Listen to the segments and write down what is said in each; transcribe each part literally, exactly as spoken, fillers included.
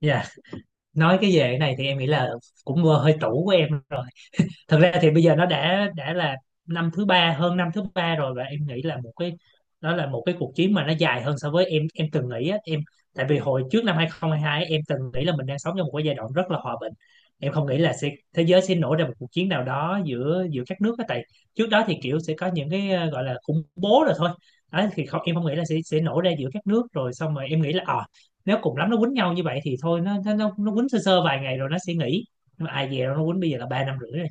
Dạ, Nói cái về cái này thì em nghĩ là cũng vừa hơi tủ của em. Thật ra thì bây giờ nó đã đã là năm thứ ba, hơn năm thứ ba rồi. Và em nghĩ là một cái đó là một cái cuộc chiến mà nó dài hơn so với em em từng nghĩ á. Em tại vì hồi trước năm hai không hai hai em từng nghĩ là mình đang sống trong một cái giai đoạn rất là hòa bình. Em không nghĩ là sẽ thế giới sẽ nổ ra một cuộc chiến nào đó giữa giữa các nước á. Tại trước đó thì kiểu sẽ có những cái ờ, gọi là khủng bố rồi thôi. Đấy thì không, em không nghĩ là sẽ sẽ nổ ra giữa các nước. Rồi xong rồi em nghĩ là ờ nếu cùng lắm nó quýnh nhau như vậy thì thôi, nó nó nó nó quýnh sơ sơ vài ngày rồi nó sẽ nghỉ. Nhưng mà ai về đâu, nó quýnh bây giờ là ba năm rưỡi rồi.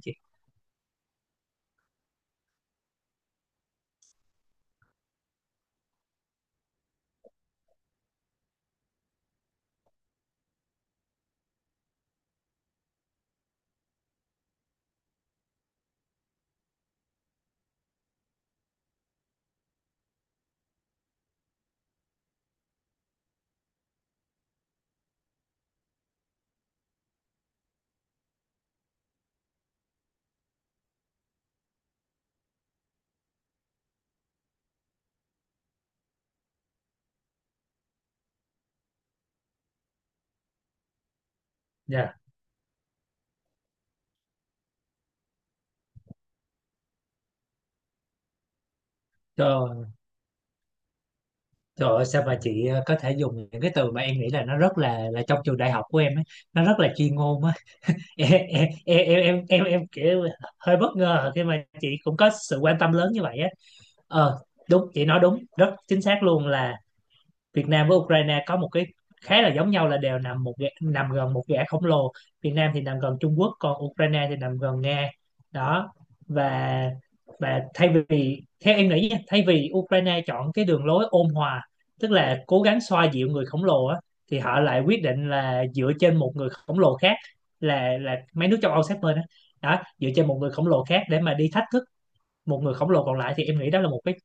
Dạ, trời, trời ơi, sao mà chị ờ, có thể dùng những cái từ mà em nghĩ là nó rất là là trong trường đại học của em ấy, nó rất là chuyên môn á. em em em em, em, em kiểu hơi bất ngờ khi mà chị cũng có sự quan tâm lớn như vậy á. Ờ, đúng, chị nói đúng, rất chính xác luôn là Việt Nam với Ukraine có một cái khá là giống nhau, là đều nằm một gã- nằm gần một gã khổng lồ. Việt Nam thì nằm gần Trung Quốc, còn Ukraine thì nằm gần Nga. Đó, và và thay vì theo em nghĩ nha, thay vì Ukraine chọn cái đường lối ôn hòa, tức là cố gắng xoa dịu người khổng lồ á, thì họ lại quyết định là dựa trên một người khổng lồ khác, là là mấy nước châu Âu sát bên đó. Đó, dựa trên một người khổng lồ khác để mà đi thách thức một người khổng lồ còn lại thì em nghĩ đó là một cái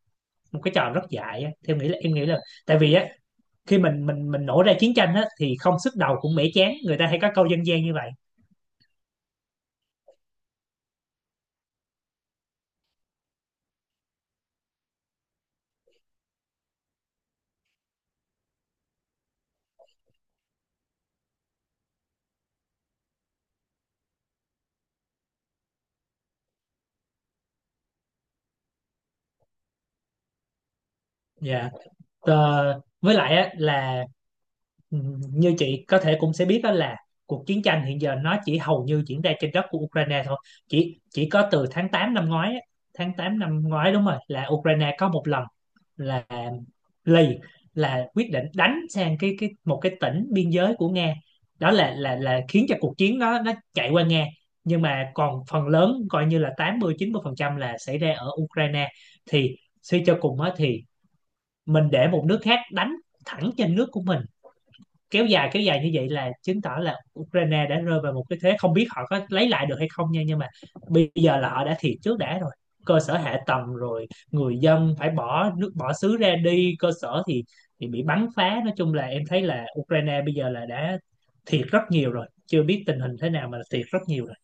một cái trò rất dại á. Theo em nghĩ là, em nghĩ là tại vì á khi mình mình mình nổ ra chiến tranh á thì không sức đầu cũng mẻ chán, người ta hay có câu dân gian như vậy. Dạ. Ờ, với lại á là ừ, như chị có thể cũng sẽ biết đó là cuộc chiến tranh hiện giờ nó chỉ hầu như diễn ra trên đất của Ukraine thôi. Chỉ chỉ có từ tháng tám năm ngoái á, tháng tám năm ngoái đúng rồi, là Ukraine có một lần là lì là quyết định đánh sang cái cái một cái tỉnh biên giới của Nga. Đó là, là là khiến cho cuộc chiến nó nó chạy qua Nga. Nhưng mà còn phần lớn coi như là tám mươi chín mươi phần trăm là xảy ra ở Ukraine. Thì suy cho cùng á thì mình để một nước khác đánh thẳng trên nước của mình, kéo dài kéo dài như vậy là chứng tỏ là Ukraine đã rơi vào một cái thế không biết họ có lấy lại được hay không nha. Nhưng mà bây giờ là họ đã thiệt trước đã rồi. Cơ sở hạ tầng, rồi người dân phải bỏ nước bỏ xứ ra đi, cơ sở thì thì bị bắn phá. Nói chung là em thấy là Ukraine bây giờ là đã thiệt rất nhiều rồi, chưa biết tình hình thế nào mà thiệt rất nhiều rồi.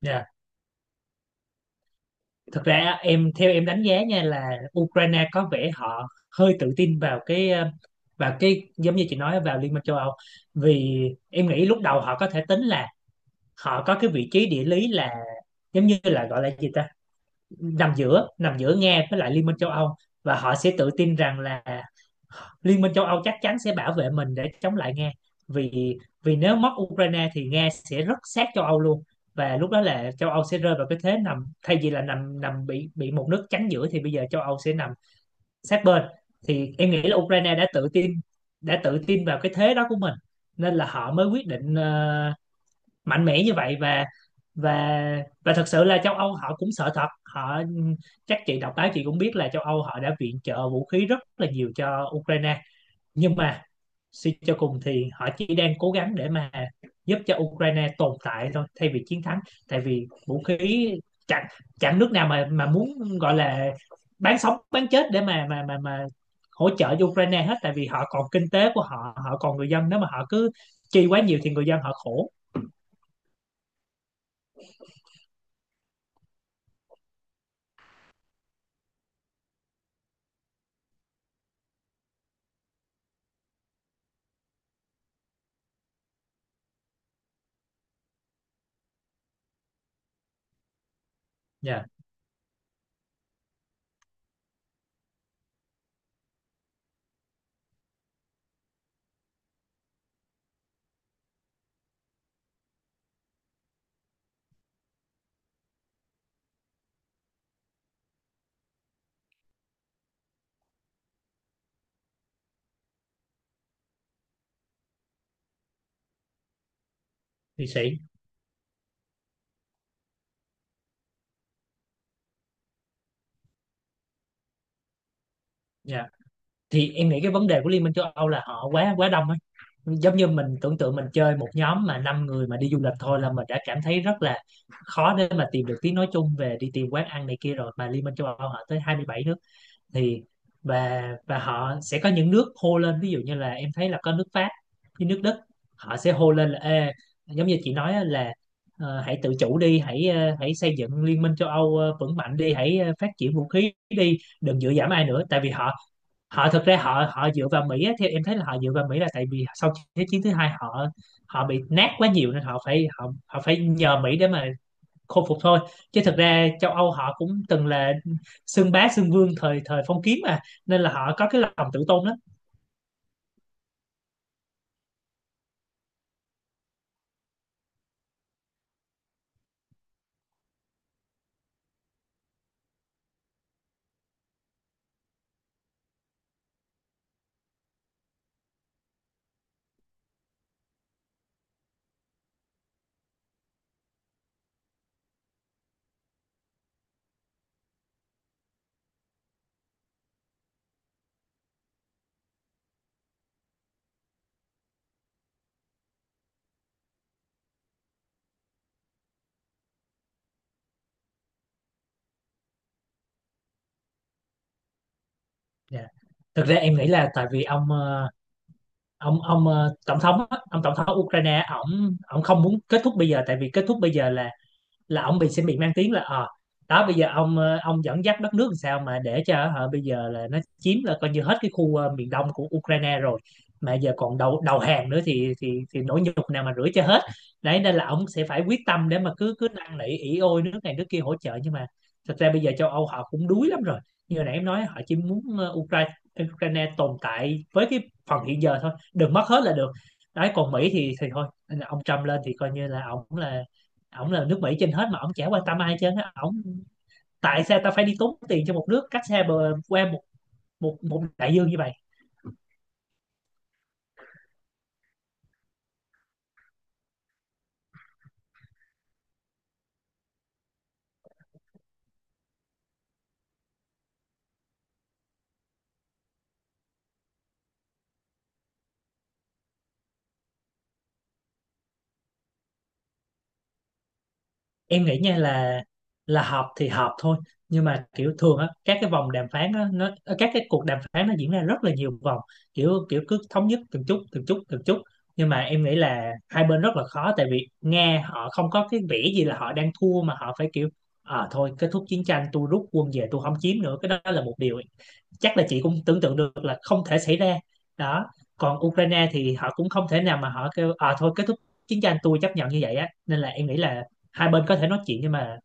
Dạ, thực ra em, theo em đánh giá nha là Ukraine có vẻ họ hơi tự tin vào cái ờ, vào cái giống như chị nói, vào Liên minh châu Âu. Vì em nghĩ lúc đầu họ có thể tính là họ có cái vị trí địa lý là giống như là gọi là gì ta, nằm giữa, nằm giữa Nga với lại Liên minh châu Âu. Và họ sẽ tự tin rằng là Liên minh châu Âu chắc chắn sẽ bảo vệ mình để chống lại Nga. Vì vì nếu mất Ukraine thì Nga sẽ rất sát châu Âu luôn. Và lúc đó là châu Âu sẽ rơi vào cái thế nằm, thay vì là nằm nằm bị bị một nước chắn giữa thì bây giờ châu Âu sẽ nằm sát bên. Thì em nghĩ là Ukraine đã tự tin đã tự tin vào cái thế đó của mình, nên là họ mới quyết định ờ, mạnh mẽ như vậy. Và và và thật sự là châu Âu họ cũng sợ thật. Họ, chắc chị đọc báo chị cũng biết là châu Âu họ đã viện trợ vũ khí rất là nhiều cho Ukraine. Nhưng mà suy cho cùng thì họ chỉ đang cố gắng để mà giúp cho Ukraine tồn tại thôi, thay vì chiến thắng. Tại vì vũ khí, chẳng chẳng nước nào mà mà muốn gọi là bán sống bán chết để mà mà mà mà hỗ trợ cho Ukraine hết. Tại vì họ còn kinh tế của họ, họ còn người dân, nếu mà họ cứ chi quá nhiều thì người dân họ khổ. Dạ, yeah. Thì sĩ. Dạ. Yeah. Thì em nghĩ cái vấn đề của Liên minh châu Âu là họ quá quá đông ấy. Giống như mình tưởng tượng mình chơi một nhóm mà năm người mà đi du lịch thôi là mình đã cảm thấy rất là khó để mà tìm được tiếng nói chung về đi tìm quán ăn này kia, rồi mà Liên minh châu Âu họ tới hai mươi bảy nước. Thì và và họ sẽ có những nước hô lên, ví dụ như là em thấy là có nước Pháp với nước Đức, họ sẽ hô lên là ê, giống như chị nói á, là ờ, hãy tự chủ đi, hãy ờ, hãy xây dựng liên minh châu Âu ờ, vững mạnh đi, hãy ờ, phát triển vũ khí đi, đừng dựa dẫm ai nữa. Tại vì họ, họ thực ra họ họ dựa vào Mỹ á, theo em thấy là họ dựa vào Mỹ là tại vì sau Thế chiến thứ hai họ họ bị nát quá nhiều, nên họ phải, họ họ phải nhờ Mỹ để mà khôi phục thôi. Chứ thực ra châu Âu họ cũng từng là xưng bá xưng vương thời thời phong kiến mà, nên là họ có cái lòng tự tôn lắm. Dạ, thực ra em nghĩ là tại vì ông ờ, ông ông ờ, tổng thống á, ông tổng thống Ukraine, ổng ổng không muốn kết thúc bây giờ. Tại vì kết thúc bây giờ là, là ông bị, sẽ bị mang tiếng là ờ đó, bây giờ ông ờ, ông dẫn dắt đất nước làm sao mà để cho họ bây giờ là nó chiếm, là coi như hết cái khu ờ, miền đông của Ukraine rồi. Mà giờ còn đầu đầu hàng nữa thì thì thì nỗi nhục nào mà rửa cho hết. Đấy nên là ông sẽ phải quyết tâm để mà cứ cứ năn nỉ ỉ ôi nước này nước kia hỗ trợ. Nhưng mà thật ra bây giờ châu Âu họ cũng đuối lắm rồi. Như hồi nãy em nói, họ chỉ muốn ờ, Ukraine Ukraine tồn tại với cái phần hiện giờ thôi, đừng mất hết là được. Đấy, còn Mỹ thì thì thôi, ông Trump lên thì coi như là ông là ổng là nước Mỹ trên hết, mà ổng chả quan tâm ai trên á. Ổng, tại sao ta phải đi tốn tiền cho một nước cách xa bờ qua một một một đại dương như vậy. Em nghĩ nha là, là họp thì họp thôi. Nhưng mà kiểu thường á các cái vòng đàm phán á nó ờ, các cái cuộc đàm phán nó diễn ra rất là nhiều vòng. Kiểu Kiểu cứ thống nhất từng chút từng chút từng chút. Nhưng mà em nghĩ là hai bên rất là khó, tại vì Nga họ không có cái vẻ gì là họ đang thua mà họ phải kiểu à thôi kết thúc chiến tranh, tôi rút quân về, tôi không chiếm nữa. Cái đó là một điều chắc là chị cũng tưởng tượng được là không thể xảy ra. Đó, còn Ukraine thì họ cũng không thể nào mà họ kêu à thôi kết thúc chiến tranh, tôi chấp nhận như vậy á. Nên là em nghĩ là hai bên có thể nói chuyện nhưng mà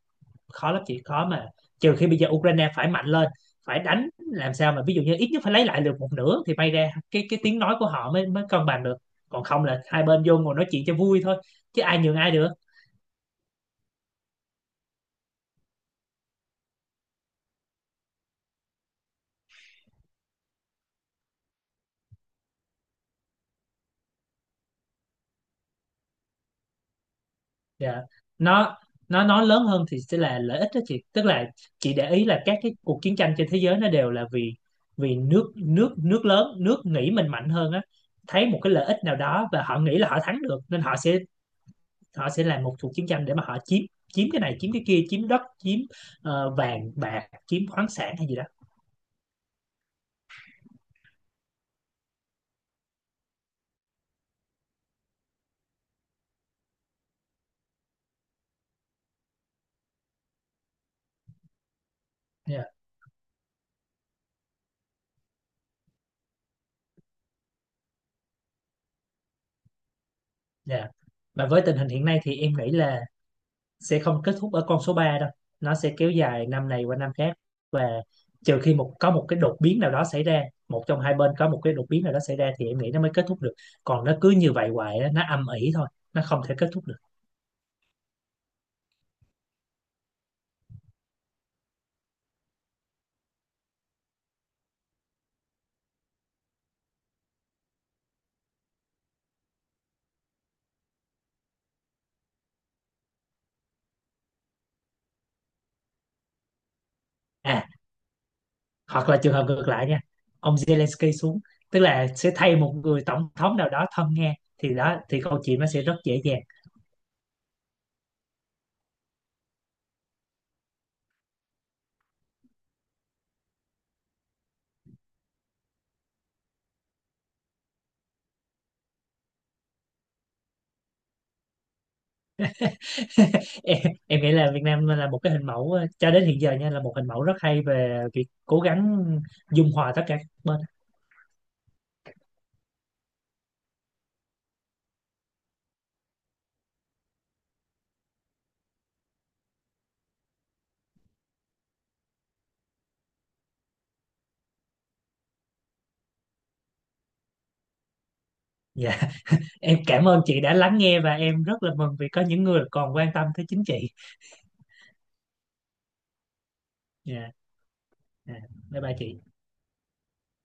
khó lắm chị, khó mà. Trừ khi bây giờ Ukraine phải mạnh lên, phải đánh làm sao mà ví dụ như ít nhất phải lấy lại được một nửa, thì may ra cái cái tiếng nói của họ mới mới cân bằng được. Còn không là hai bên vô ngồi nói chuyện cho vui thôi, chứ ai nhường ai được. Dạ. Nó nó nói lớn hơn thì sẽ là lợi ích đó chị. Tức là chị để ý là các cái cuộc chiến tranh trên thế giới nó đều là vì, vì nước nước nước lớn, nước nghĩ mình mạnh hơn á, thấy một cái lợi ích nào đó và họ nghĩ là họ thắng được, nên họ sẽ họ sẽ làm một cuộc chiến tranh để mà họ chiếm, chiếm cái này, chiếm cái kia, chiếm đất, chiếm ờ, vàng bạc, chiếm khoáng sản hay gì đó. Dạ. Dạ. Và với tình hình hiện nay thì em nghĩ là sẽ không kết thúc ở con số ba đâu, nó sẽ kéo dài năm này qua năm khác. Và trừ khi một có một cái đột biến nào đó xảy ra, một trong hai bên có một cái đột biến nào đó xảy ra, thì em nghĩ nó mới kết thúc được. Còn nó cứ như vậy hoài á, nó âm ỉ thôi, nó không thể kết thúc được. À, hoặc là trường hợp ngược lại nha, ông Zelensky xuống, tức là sẽ thay một người tổng thống nào đó thân Nga, thì đó thì câu chuyện nó sẽ rất dễ dàng. em, em nghĩ là Việt Nam là một cái hình mẫu ờ, cho đến hiện giờ nha, là một hình mẫu rất hay về việc cố gắng dung hòa tất cả các bên. Dạ, em cảm ơn chị đã lắng nghe, và em rất là mừng vì có những người còn quan tâm tới chính trị. Dạ, dạ. Bye bye chị.